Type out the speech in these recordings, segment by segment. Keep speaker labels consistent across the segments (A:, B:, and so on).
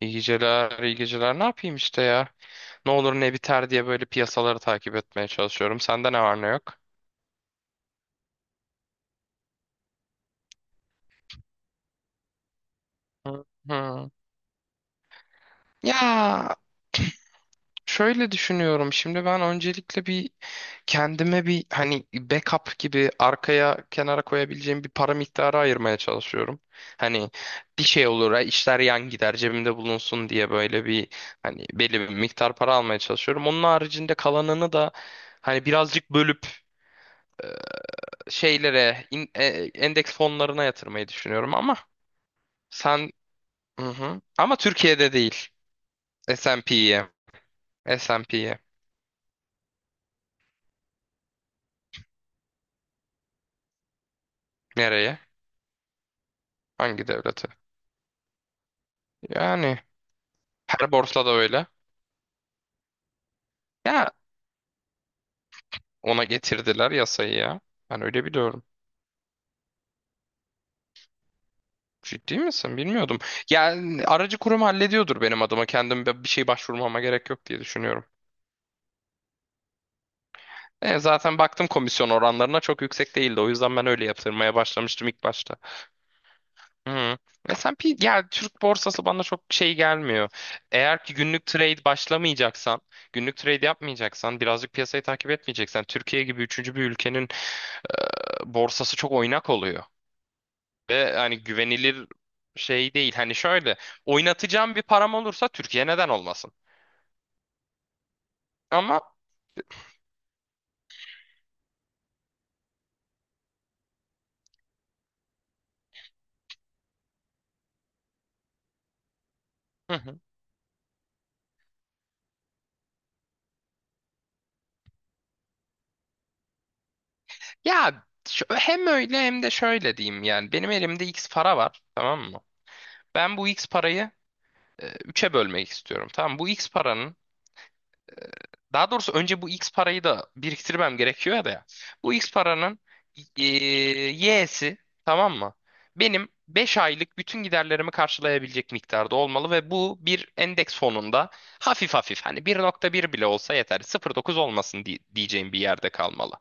A: İyi geceler, iyi geceler. Ne yapayım işte ya? Ne olur ne biter diye böyle piyasaları takip etmeye çalışıyorum. Sende ne var ne yok? Hı hı. Ya şöyle düşünüyorum. Şimdi ben öncelikle bir kendime bir hani backup gibi arkaya kenara koyabileceğim bir para miktarı ayırmaya çalışıyorum. Hani bir şey olur, ha, işler yan gider, cebimde bulunsun diye böyle bir hani belli bir miktar para almaya çalışıyorum. Onun haricinde kalanını da hani birazcık bölüp şeylere, endeks fonlarına yatırmayı düşünüyorum ama sen hı hı. Ama Türkiye'de değil. S&P'ye. S&P'ye. Nereye? Hangi devlete? Yani her borsada öyle. Ya ona getirdiler yasayı ya. Ben öyle biliyorum. Ciddi misin? Bilmiyordum. Yani aracı kurum hallediyordur benim adıma. Kendim bir şey başvurmama gerek yok diye düşünüyorum. Zaten baktım komisyon oranlarına çok yüksek değildi. O yüzden ben öyle yatırmaya başlamıştım ilk başta. Hı. S&P ya Türk borsası bana çok şey gelmiyor. Eğer ki günlük trade başlamayacaksan, günlük trade yapmayacaksan, birazcık piyasayı takip etmeyeceksen, Türkiye gibi üçüncü bir ülkenin borsası çok oynak oluyor. Ve hani güvenilir şey değil. Hani şöyle oynatacağım bir param olursa Türkiye neden olmasın? Ama hı hı. Ya hem öyle hem de şöyle diyeyim, yani benim elimde X para var, tamam mı? Ben bu X parayı 3'e bölmek istiyorum. Tamam, bu X paranın, daha doğrusu önce bu X parayı da biriktirmem gerekiyor ya da ya. Bu X paranın Y'si, tamam mı? Benim 5 aylık bütün giderlerimi karşılayabilecek miktarda olmalı ve bu bir endeks fonunda hafif hafif, hani 1,1 bile olsa yeter, 0,9 olmasın diyeceğim bir yerde kalmalı.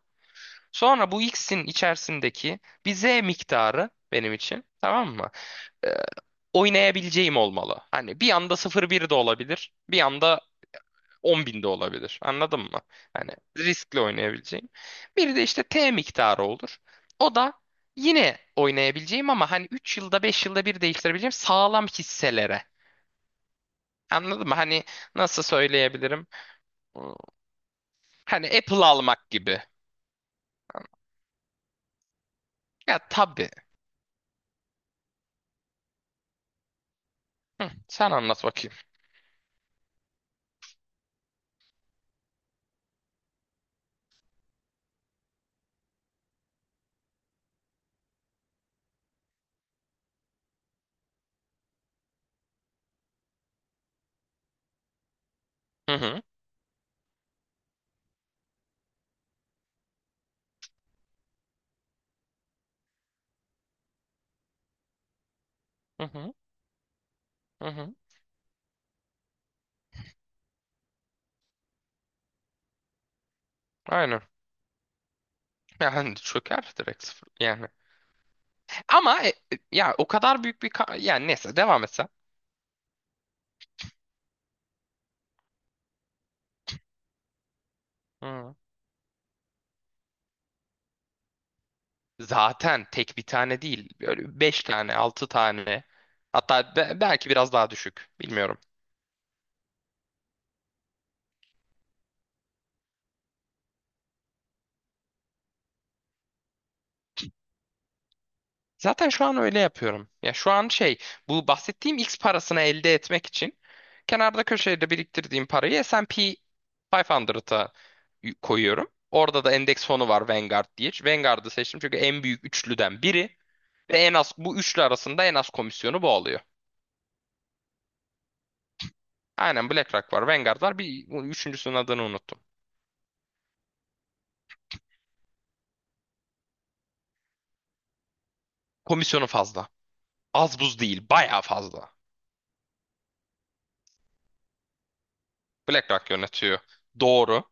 A: Sonra bu X'in içerisindeki bir Z miktarı benim için, tamam mı, Ee, oynayabileceğim olmalı. Hani bir anda 0,1 de olabilir, bir anda 10 binde olabilir. Anladın mı? Hani riskli oynayabileceğim. Bir de işte T miktarı olur. O da yine oynayabileceğim, ama hani 3 yılda 5 yılda bir değiştirebileceğim sağlam hisselere. Anladın mı? Hani nasıl söyleyebilirim? Hani Apple almak gibi. Ya tabii. Hı, sen anlat bakayım. Hı hı. Hı hı. Hı hı. Aynen. Yani çöker, direkt sıfır. Yani. Ama ya o kadar büyük bir yani neyse, devam etsen. Zaten tek bir tane değil. Böyle beş tane, altı tane. Hatta belki biraz daha düşük. Bilmiyorum. Zaten şu an öyle yapıyorum. Ya şu an şey, bu bahsettiğim X parasını elde etmek için kenarda köşede biriktirdiğim parayı S&P 500'a koyuyorum. Orada da endeks fonu var, Vanguard diye. Vanguard'ı seçtim, çünkü en büyük üçlüden biri ve en az bu üçlü arasında en az komisyonu bu oluyor. Aynen, BlackRock var, Vanguard var. Bir üçüncüsünün adını unuttum. Komisyonu fazla. Az buz değil, bayağı fazla. BlackRock yönetiyor. Doğru.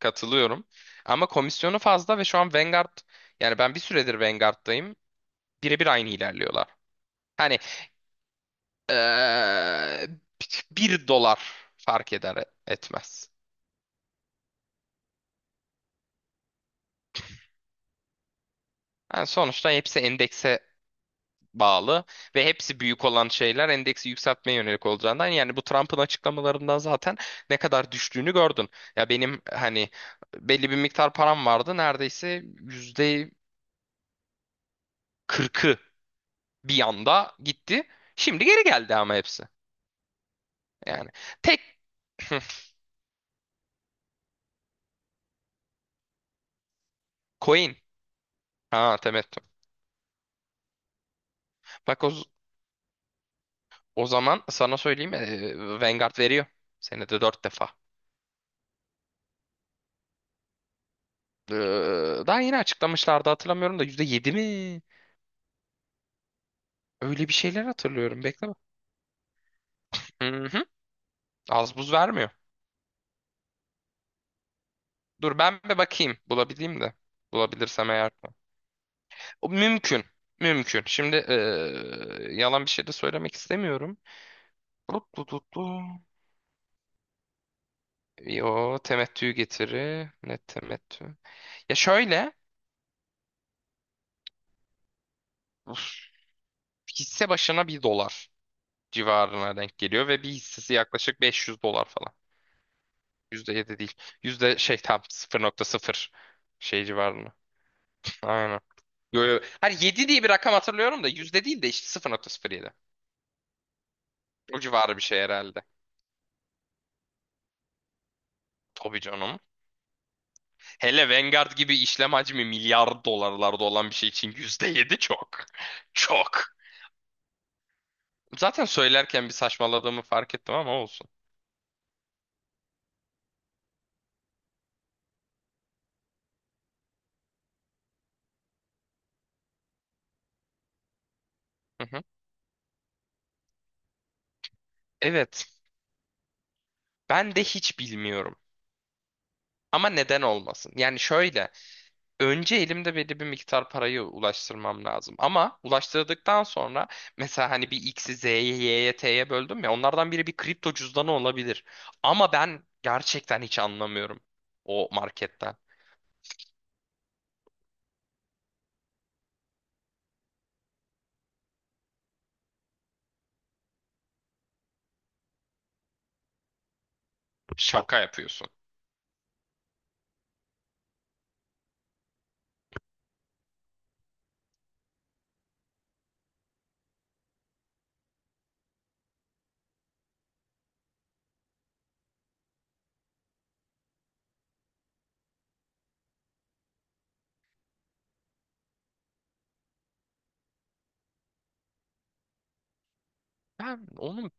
A: Katılıyorum. Ama komisyonu fazla ve şu an Vanguard, yani ben bir süredir Vanguard'dayım. Birebir aynı ilerliyorlar. Hani eee, 1 dolar fark eder etmez. Yani sonuçta hepsi endekse bağlı ve hepsi büyük olan şeyler endeksi yükseltmeye yönelik olacağından, yani bu Trump'ın açıklamalarından zaten ne kadar düştüğünü gördün. Ya benim hani belli bir miktar param vardı, neredeyse %40'ı bir anda gitti. Şimdi geri geldi ama hepsi. Yani tek coin. Ha, temettü. Bak, o, o zaman sana söyleyeyim, Vanguard veriyor. Senede 4 defa. Ee, daha yeni açıklamışlardı, hatırlamıyorum da, %7 mi? Öyle bir şeyler hatırlıyorum. Bekle bak. Hı hı. Az buz vermiyor. Dur, ben bir bakayım, bulabileyim de. Bulabilirsem eğer. O mümkün. Mümkün. Şimdi yalan bir şey de söylemek istemiyorum. Tut tut tut. Yo, temettü getiri. Net temettü. Ya şöyle, uf, hisse başına 1 dolar civarına denk geliyor ve bir hissesi yaklaşık 500 dolar falan. %7 değil. Yüzde şey, tam 0,0 şey civarında. Aynen. Yo, yo. Hani 7 diye bir rakam hatırlıyorum da, yüzde değil de işte 0,07. O civarı bir şey herhalde. Tabii canım. Hele Vanguard gibi işlem hacmi milyar dolarlarda olan bir şey için %7 çok. Çok. Zaten söylerken bir saçmaladığımı fark ettim ama olsun. Evet, ben de hiç bilmiyorum. Ama neden olmasın? Yani şöyle, önce elimde belli bir miktar parayı ulaştırmam lazım. Ama ulaştırdıktan sonra mesela hani bir X'i Z'ye, Y'ye, T'ye böldüm ya, onlardan biri bir kripto cüzdanı olabilir. Ama ben gerçekten hiç anlamıyorum o marketten. Şaka yapıyorsun. Ben onun...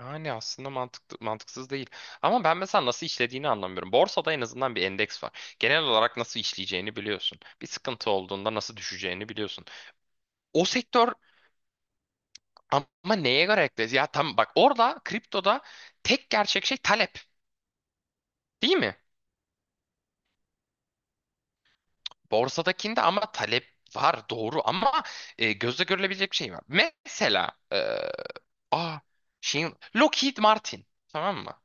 A: Yani aslında mantıklı, mantıksız değil. Ama ben mesela nasıl işlediğini anlamıyorum. Borsada en azından bir endeks var. Genel olarak nasıl işleyeceğini biliyorsun. Bir sıkıntı olduğunda nasıl düşeceğini biliyorsun. O sektör ama neye göre ekledi? Ya tam bak, orada kriptoda tek gerçek şey talep. Değil mi? Borsadakinde ama talep var, doğru, ama gözle görülebilecek bir şey var. Mesela aa, şeyin, Lockheed Martin, tamam mı?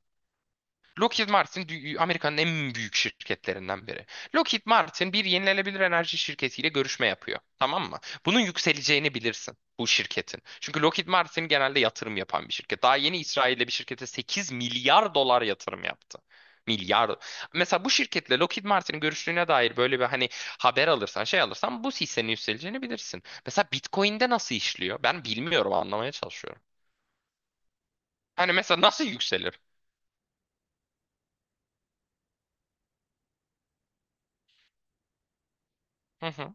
A: Lockheed Martin Amerika'nın en büyük şirketlerinden biri. Lockheed Martin bir yenilenebilir enerji şirketiyle görüşme yapıyor. Tamam mı? Bunun yükseleceğini bilirsin, bu şirketin. Çünkü Lockheed Martin genelde yatırım yapan bir şirket. Daha yeni İsrail'de bir şirkete 8 milyar dolar yatırım yaptı. Milyar. Mesela bu şirketle Lockheed Martin'in görüştüğüne dair böyle bir hani haber alırsan, şey alırsan, bu hissenin yükseleceğini bilirsin. Mesela Bitcoin'de nasıl işliyor? Ben bilmiyorum, anlamaya çalışıyorum. Hani mesela nasıl yükselir? Hı hı.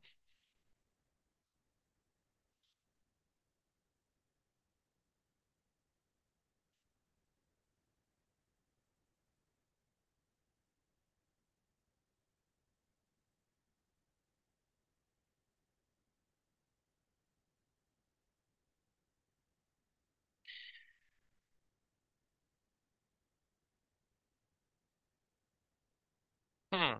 A: Hı.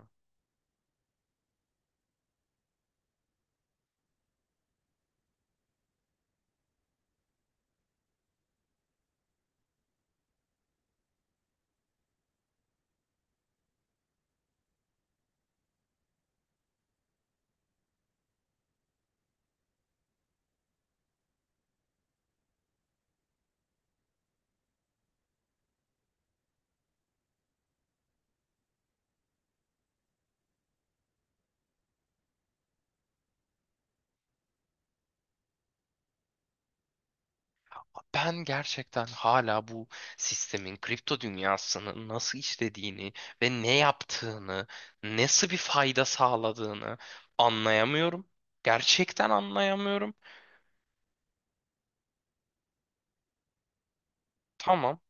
A: Ben gerçekten hala bu sistemin, kripto dünyasının nasıl işlediğini ve ne yaptığını, nasıl bir fayda sağladığını anlayamıyorum. Gerçekten anlayamıyorum. Tamam.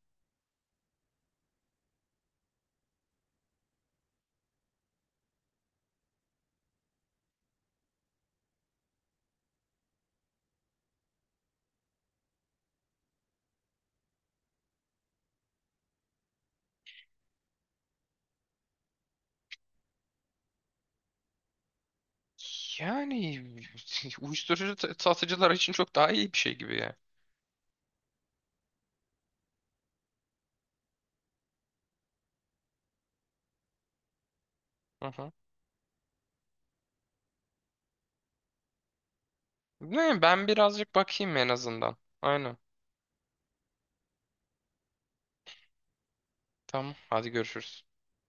A: Yani uyuşturucu satıcılar için çok daha iyi bir şey gibi ya. Hı hı. Ne, ben birazcık bakayım en azından. Aynen. Tamam. Hadi görüşürüz.